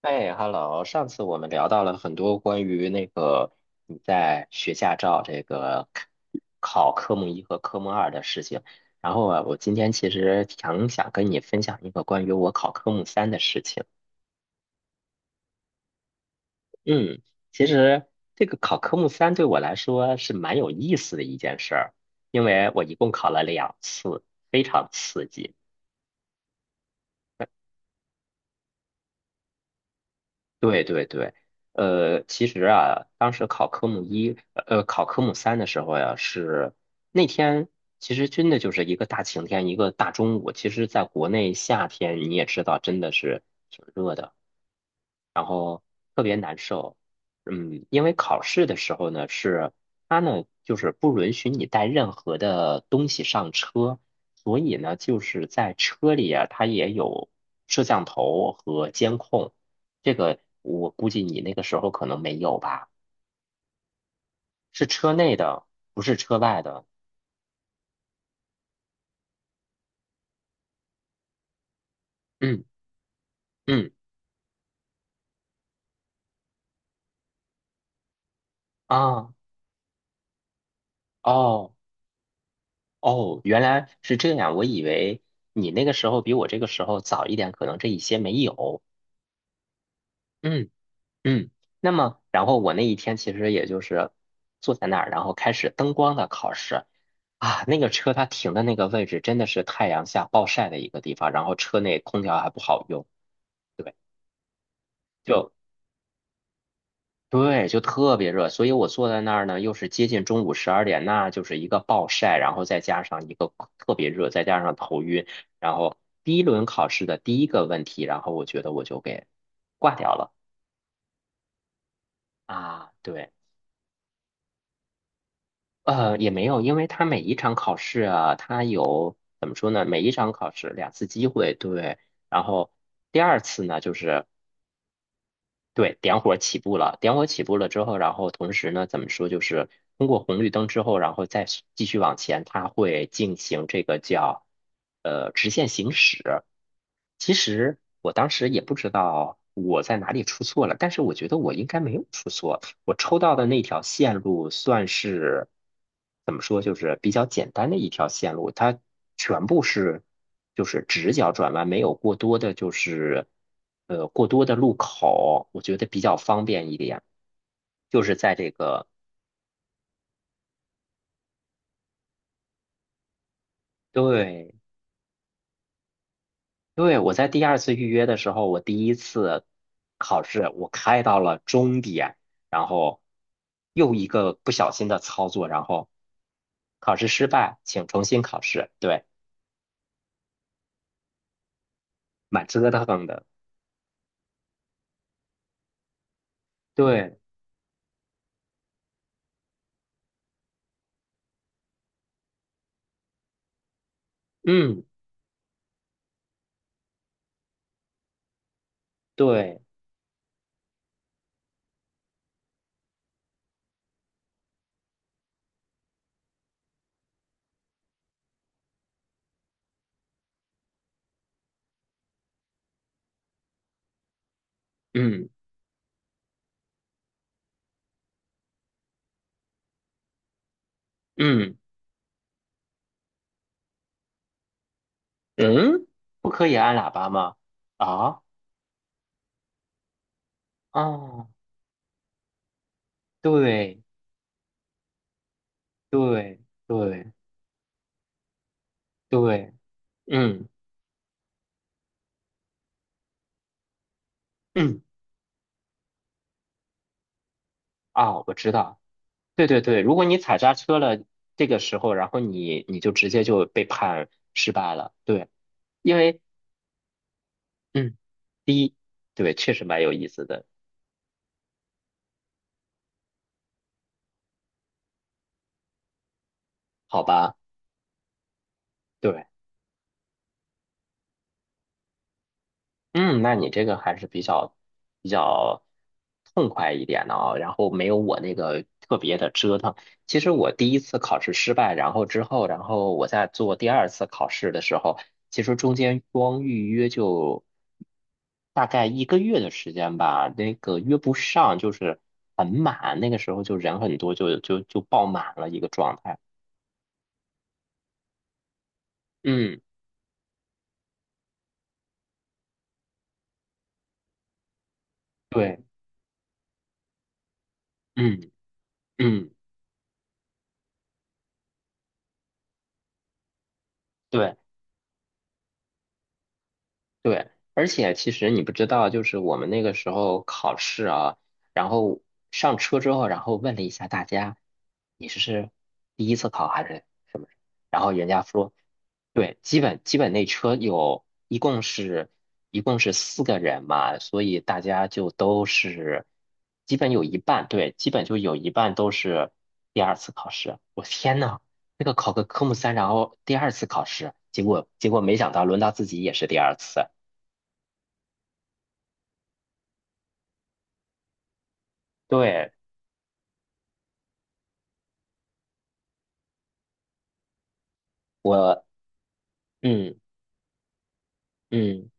哎，Hello，上次我们聊到了很多关于那个你在学驾照这个考科目一和科目二的事情，然后啊，我今天其实挺想跟你分享一个关于我考科目三的事情。嗯，其实这个考科目三对我来说是蛮有意思的一件事儿，因为我一共考了两次，非常刺激。对对对，其实啊，当时考科目一，呃，考科目三的时候呀，是那天其实真的就是一个大晴天，一个大中午。其实，在国内夏天你也知道，真的是挺热的。然后特别难受。嗯，因为考试的时候呢，是他呢就是不允许你带任何的东西上车，所以呢就是在车里啊，它也有摄像头和监控。这个我估计你那个时候可能没有吧？是车内的，不是车外的。嗯嗯，啊，哦哦，原来是这样。我以为你那个时候比我这个时候早一点，可能这一些没有。嗯。嗯，那么然后我那一天其实也就是坐在那儿，然后开始灯光的考试啊。那个车它停的那个位置真的是太阳下暴晒的一个地方，然后车内空调还不好用，对，就对，就特别热。所以我坐在那儿呢，又是接近中午12点，那就是一个暴晒，然后再加上一个特别热，再加上头晕，然后第一轮考试的第一个问题，然后我觉得我就给挂掉了啊，对。也没有，因为他每一场考试啊，他有怎么说呢？每一场考试2次机会，对。然后第二次呢，就是对点火起步了之后，然后同时呢，怎么说，就是通过红绿灯之后，然后再继续往前，它会进行这个叫直线行驶。其实我当时也不知道我在哪里出错了，但是我觉得我应该没有出错。我抽到的那条线路算是怎么说，就是比较简单的一条线路，它全部是就是直角转弯，没有过多的就是过多的路口，我觉得比较方便一点。就是在这个对对，我在第二次预约的时候，我第一次考试我开到了终点，然后又一个不小心的操作，然后考试失败，请重新考试。对，蛮折腾的。对，嗯，对，嗯嗯嗯，不可以按喇叭吗？啊啊，对对对对，嗯嗯，啊，我知道。对对对，如果你踩刹车了，这个时候，然后你就直接就被判失败了。对，因为嗯，第一，对，确实蛮有意思的，好吧？对。嗯，那你这个还是比较痛快一点的啊，然后没有我那个特别的折腾。其实我第一次考试失败，然后之后，然后我在做第二次考试的时候，其实中间光预约就大概一个月的时间吧，那个约不上，就是很满，那个时候就人很多，就爆满了一个状态。嗯，对，嗯嗯，对。对，而且其实你不知道，就是我们那个时候考试啊，然后上车之后，然后问了一下大家，你是第一次考还是？然后人家说，对，基本那车有一共是四个人嘛，所以大家就都是基本有一半，对，基本就有一半都是第二次考试。我天呐，那个考个科目三，然后第二次考试，结果没想到轮到自己也是第二次。对，我，嗯嗯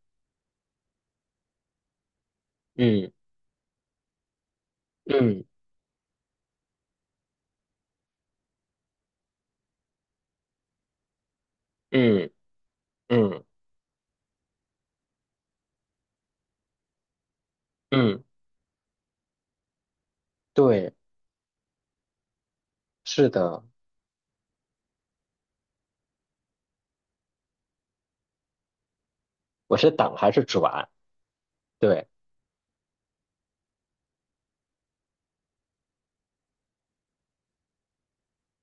嗯嗯嗯嗯嗯，对，是的，我是挡还是转？对，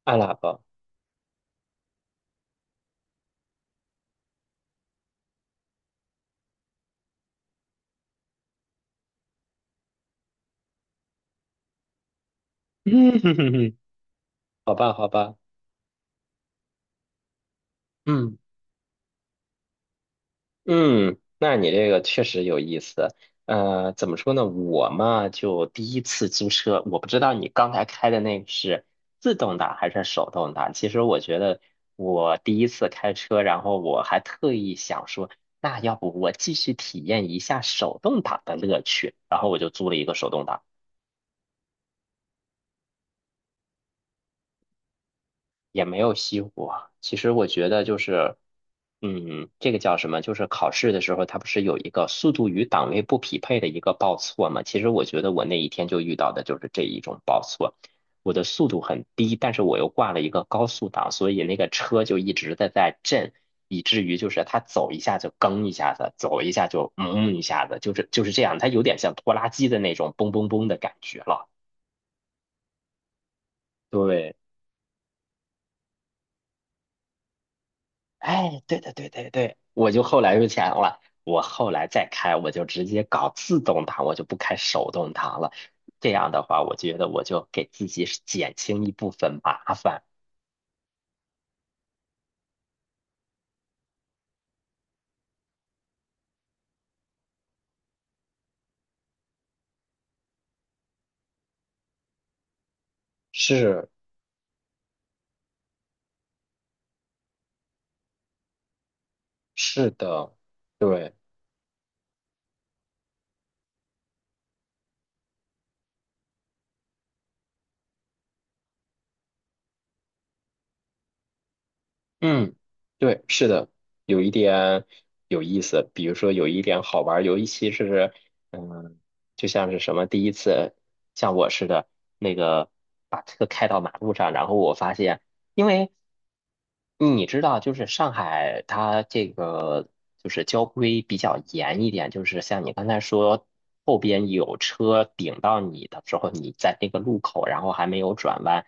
按喇叭。嗯，好吧，好吧，嗯。嗯，那你这个确实有意思。怎么说呢？我嘛，就第一次租车，我不知道你刚才开的那个是自动挡还是手动挡。其实我觉得我第一次开车，然后我还特意想说，那要不我继续体验一下手动挡的乐趣，然后我就租了一个手动挡。也没有熄火。其实我觉得就是，这个叫什么？就是考试的时候，它不是有一个速度与档位不匹配的一个报错吗？其实我觉得我那一天就遇到的就是这一种报错。我的速度很低，但是我又挂了一个高速档，所以那个车就一直的在震，以至于就是它走一下就蹬一下子，走一下就一下子，就是这样，它有点像拖拉机的那种嘣嘣嘣的感觉了。对。哎，对对对对对，我就后来就想了，我后来再开，我就直接搞自动挡，我就不开手动挡了。这样的话，我觉得我就给自己是减轻一部分麻烦。是是的，对，嗯，对，是的，有一点有意思，比如说有一点好玩儿，一期是嗯，就像是什么第一次像我似的，那个把车开到马路上，然后我发现。因为你知道，就是上海它这个就是交规比较严一点，就是像你刚才说，后边有车顶到你的时候，你在那个路口，然后还没有转弯，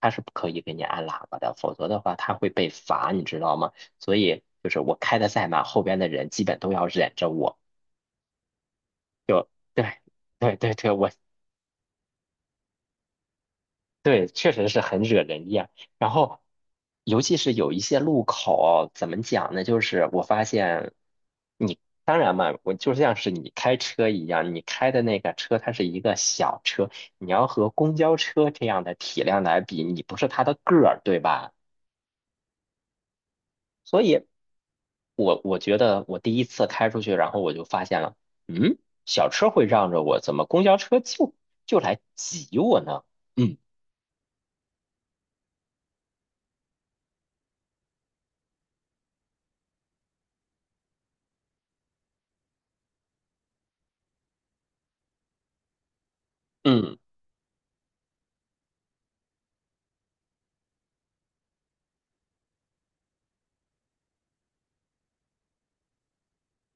它是不可以给你按喇叭的，否则的话它会被罚，你知道吗？所以就是我开的再慢，后边的人基本都要忍着我。对对对对，我对，确实是很惹人厌。然后，尤其是有一些路口，怎么讲呢？就是我发现你，当然嘛，我就像是你开车一样，你开的那个车它是一个小车，你要和公交车这样的体量来比，你不是它的个儿，对吧？所以我觉得我第一次开出去，然后我就发现了，嗯，小车会让着我，怎么公交车就来挤我呢？嗯嗯，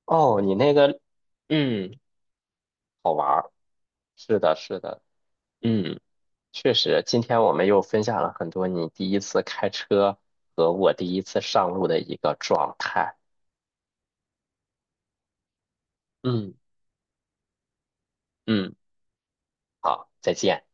哦，你那个。嗯。好玩儿。是的，是的，嗯，确实，今天我们又分享了很多你第一次开车和我第一次上路的一个状态。嗯嗯，好，再见。